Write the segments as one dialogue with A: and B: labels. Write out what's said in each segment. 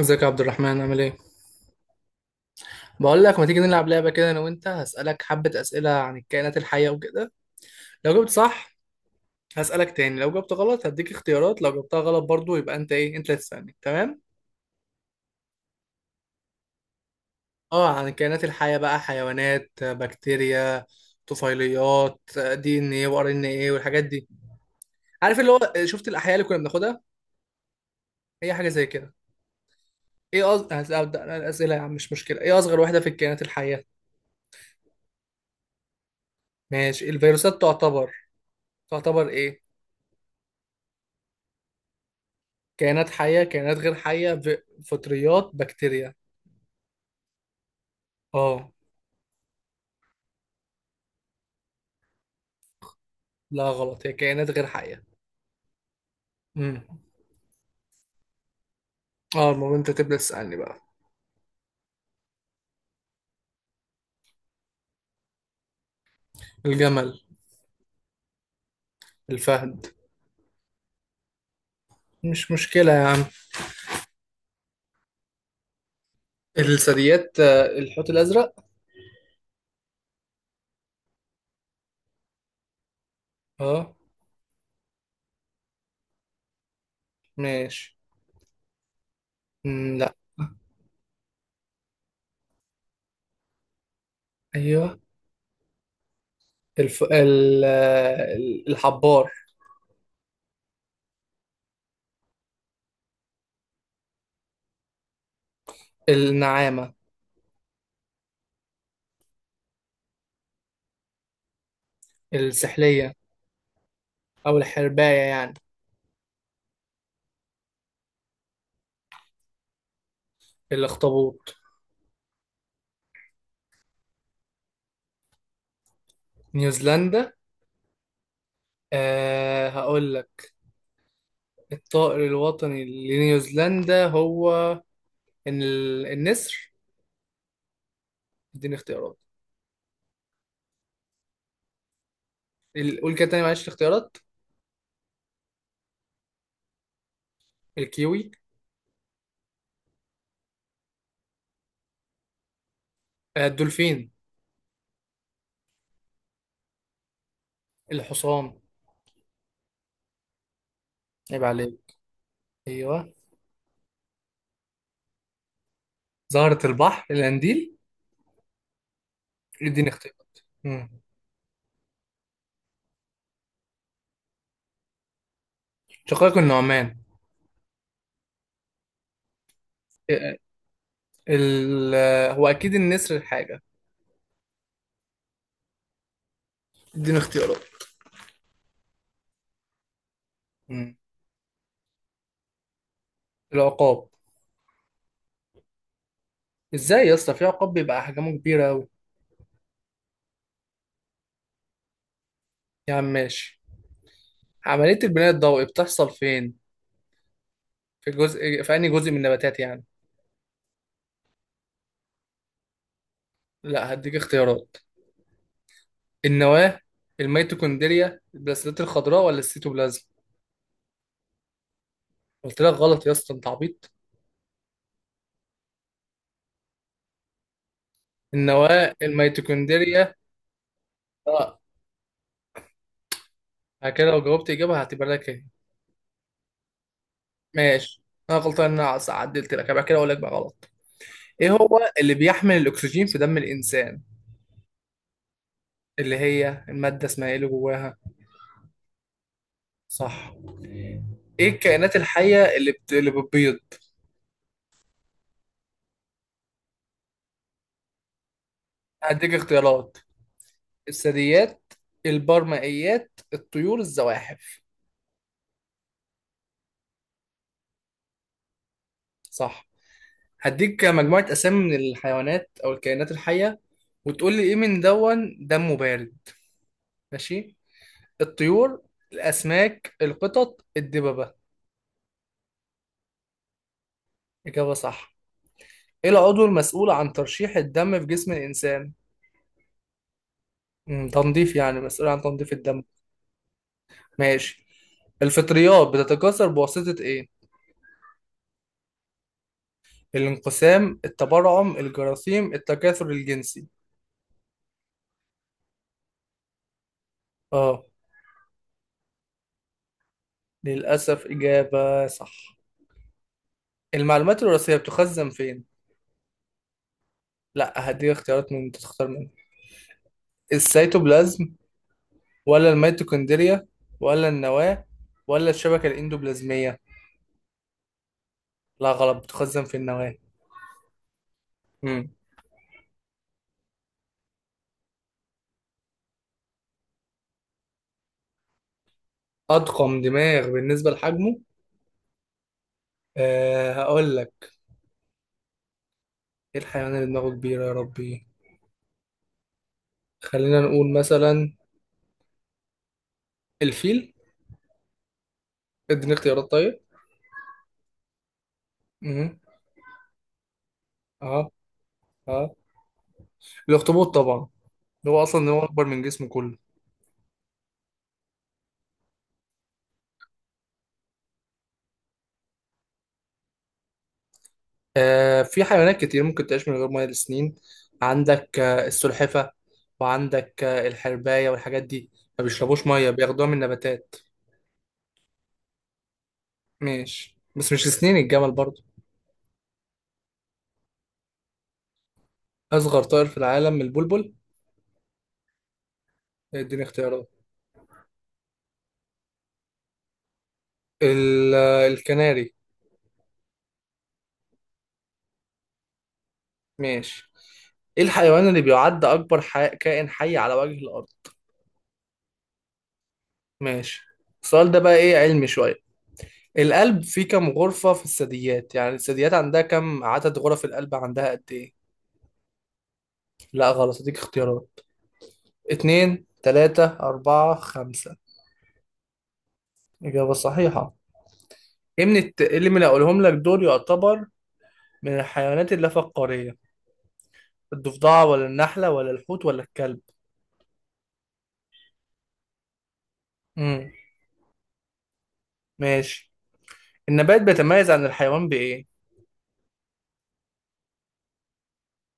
A: ازيك يا عبد الرحمن، عامل ايه؟ بقول لك ما تيجي نلعب لعبة كده، انا وانت هسألك حبة أسئلة عن الكائنات الحية وكده. لو جبت صح هسألك تاني، لو جبت غلط هديك اختيارات، لو جبتها غلط برضو يبقى انت ايه انت اللي تسألني، تمام؟ اه، عن الكائنات الحية بقى: حيوانات، بكتيريا، طفيليات، دي ان ايه وار ان ايه والحاجات دي. عارف اللي هو شفت الأحياء اللي كنا بناخدها؟ هي حاجة زي كده. ايه هبدأ أنا الأسئلة يا عم، مش مشكلة. ايه أصغر واحدة في الكائنات الحية؟ ماشي، الفيروسات تعتبر تعتبر ايه؟ كائنات حية، كائنات غير حية، فطريات، بكتيريا. اه، لا غلط، هي كائنات غير حية. امم اه المهم انت تبدأ تسألني بقى. الجمل. الفهد. مش مشكلة يا عم. الثدييات، الحوت الأزرق. اه ماشي. مم، لا. ايوه. الف... ال... آه، ال- الحبار. النعامة. السحلية أو الحرباية يعني. الأخطبوط. نيوزيلندا. هقول لك. الطائر الوطني لنيوزيلندا هو النسر. اديني اختيارات. قول كده تاني، معلش الاختيارات. الكيوي. الدولفين. الحصان. عيب عليك. ايوه. زهرة البحر، القنديل. اديني اختيارات. مم. شقائق النعمان. آه، ال... آه، هو اكيد النسر حاجة. اديني اختيارات. مم. العقاب. ازاي يا اسطى في عقاب بيبقى احجامه كبيرة اوي؟ يا عم ماشي. عملية البناء الضوئي بتحصل فين؟ في جزء، في انهي جزء من النباتات يعني؟ لا هديك اختيارات. النواه، الميتوكوندريا، البلاسيلات الخضراء، ولا السيتوبلازم؟ قلت لك غلط يا اسطى، انت عبيط. النواه، الميتوكوندريا. اه، بعد كده لو جاوبت اجابه هعتبر لك ايه؟ ماشي. انا غلطان ان انا عدلت لك بعد كده اقول لك بقى غلط. ايه هو اللي بيحمل الاكسجين في دم الانسان؟ اللي هي الماده اسمها ايه اللي جواها؟ صح. ايه الكائنات الحيه اللي بتبيض؟ هديك اختيارات: الثدييات، البرمائيات، الطيور، الزواحف. صح. هديك مجموعة أسامي من الحيوانات أو الكائنات الحية، وتقول لي إيه من دون دمه بارد. ماشي. الطيور، الأسماك، القطط، الدببة. إجابة صح. إيه العضو المسؤول عن ترشيح الدم في جسم الإنسان؟ تنظيف يعني، مسؤول عن تنظيف الدم. ماشي. الفطريات بتتكاثر بواسطة إيه؟ الانقسام، التبرعم، الجراثيم، التكاثر الجنسي. آه، للأسف إجابة صح. المعلومات الوراثية بتخزن فين؟ لا، هديك اختيارات من انت تختار منهم: السيتوبلازم ولا الميتوكوندريا ولا النواة ولا الشبكة الإندوبلازمية؟ لا غلط، بتخزن في النواة. مم. أضخم دماغ بالنسبة لحجمه؟ هقول لك. إيه الحيوان اللي دماغه كبيرة يا ربي؟ خلينا نقول مثلا الفيل. اديني اختيارات طيب. مم. اه. اه. الأخطبوط طبعا. هو أصلا هو أكبر من جسمه كله. في حيوانات كتير ممكن تعيش من غير ميه لسنين. عندك السلحفة، وعندك الحرباية والحاجات دي. ما بيشربوش ميه، بياخدوها من نباتات. ماشي بس مش لسنين الجمل برضو. أصغر طائر في العالم البلبل. اديني اختيارات. الكناري. ماشي. ايه الحيوان اللي بيعد كائن حي على وجه الأرض؟ ماشي. السؤال ده بقى ايه، علمي شوية. القلب فيه كم غرفة في الثدييات؟ يعني الثدييات عندها كم عدد غرف القلب، عندها قد ايه؟ لا غلط، اديك اختيارات: اتنين، تلاتة، أربعة، خمسة. إجابة صحيحة. إيه اللي من اللي هقولهم لك دول يعتبر من الحيوانات اللافقارية؟ الضفدعة ولا النحلة ولا الحوت ولا الكلب؟ امم ماشي. النبات بيتميز عن الحيوان بإيه؟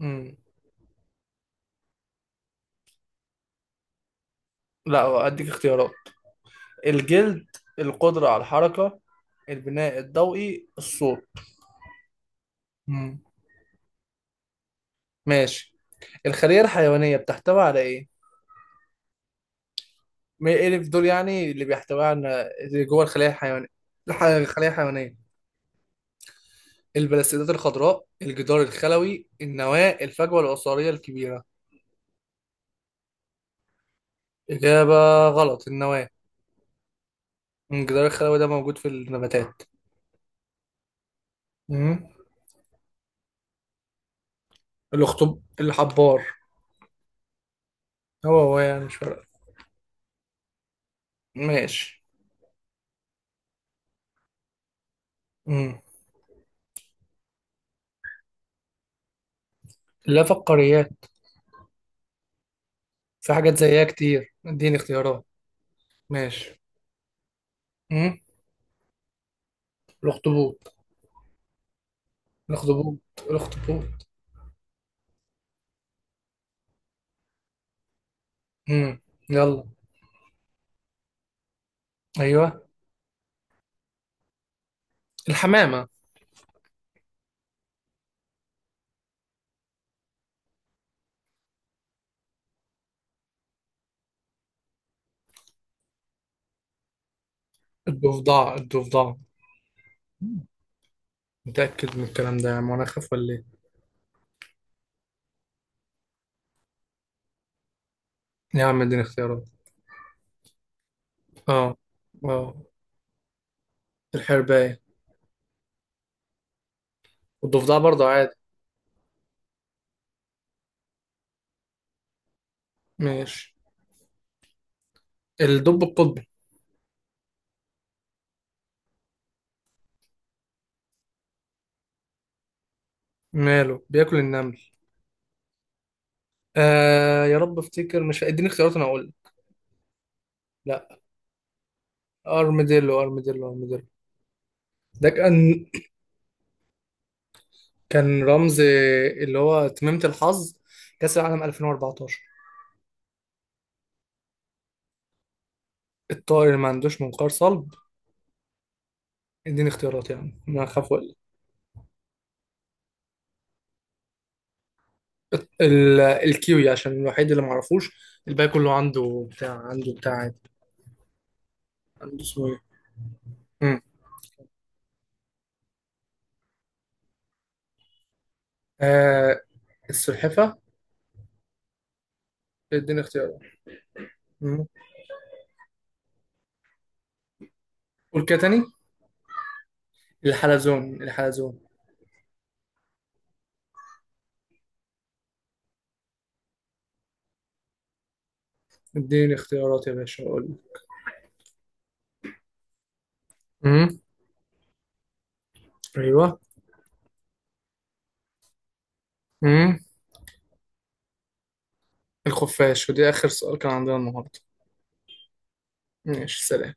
A: امم لا، أديك اختيارات: الجلد، القدرة على الحركة، البناء الضوئي، الصوت. امم ماشي. الخلية الحيوانية بتحتوي على إيه؟ ما إيه اللي في دول يعني اللي بيحتوي على اللي جوه الخلية الحيوانية؟ الخلية الحيوانية: البلاستيدات الخضراء، الجدار الخلوي، النواة، الفجوة العصارية الكبيرة. إجابة غلط. النواة. الجدار الخلوي ده موجود في النباتات. مم. الحبار. هو هو يعني مش فارق. ماشي. مم. لا، فقاريات. في حاجات زيها كتير، اديني اختيارات. ماشي. مم. الأخطبوط. الأخطبوط. الأخطبوط. مم. يلا. أيوه. الحمامة. الضفدع الضفدع. متأكد من الكلام ده يا عم، وأنا أخاف ولا إيه؟ يا عم اديني اختيارات. اه. اه. الحرباية. والضفدع برضه عادي. ماشي. الدب القطبي. ماله، بياكل النمل. آه يا رب افتكر، مش اديني اختيارات انا اقول. لا، ارميديلو ارميديلو ارميديلو. ده كان رمز، اللي هو تميمة الحظ كأس العالم 2014. الطائر اللي ما عندوش منقار صلب؟ اديني اختيارات يعني، انا اخاف اقول. الكيوي عشان الوحيد اللي ما اعرفوش. الباقي كله عنده بتاع، عنده بتاع عادي. عنده اسمه ايه. مم. آه، السلحفة. اديني اختيار. مم. قول كده تاني. الحلزون الحلزون. اديني اختيارات يا باشا اقول. امم. ايوه. امم. الخفاش. ودي اخر سؤال كان عندنا النهارده. ماشي، سلام.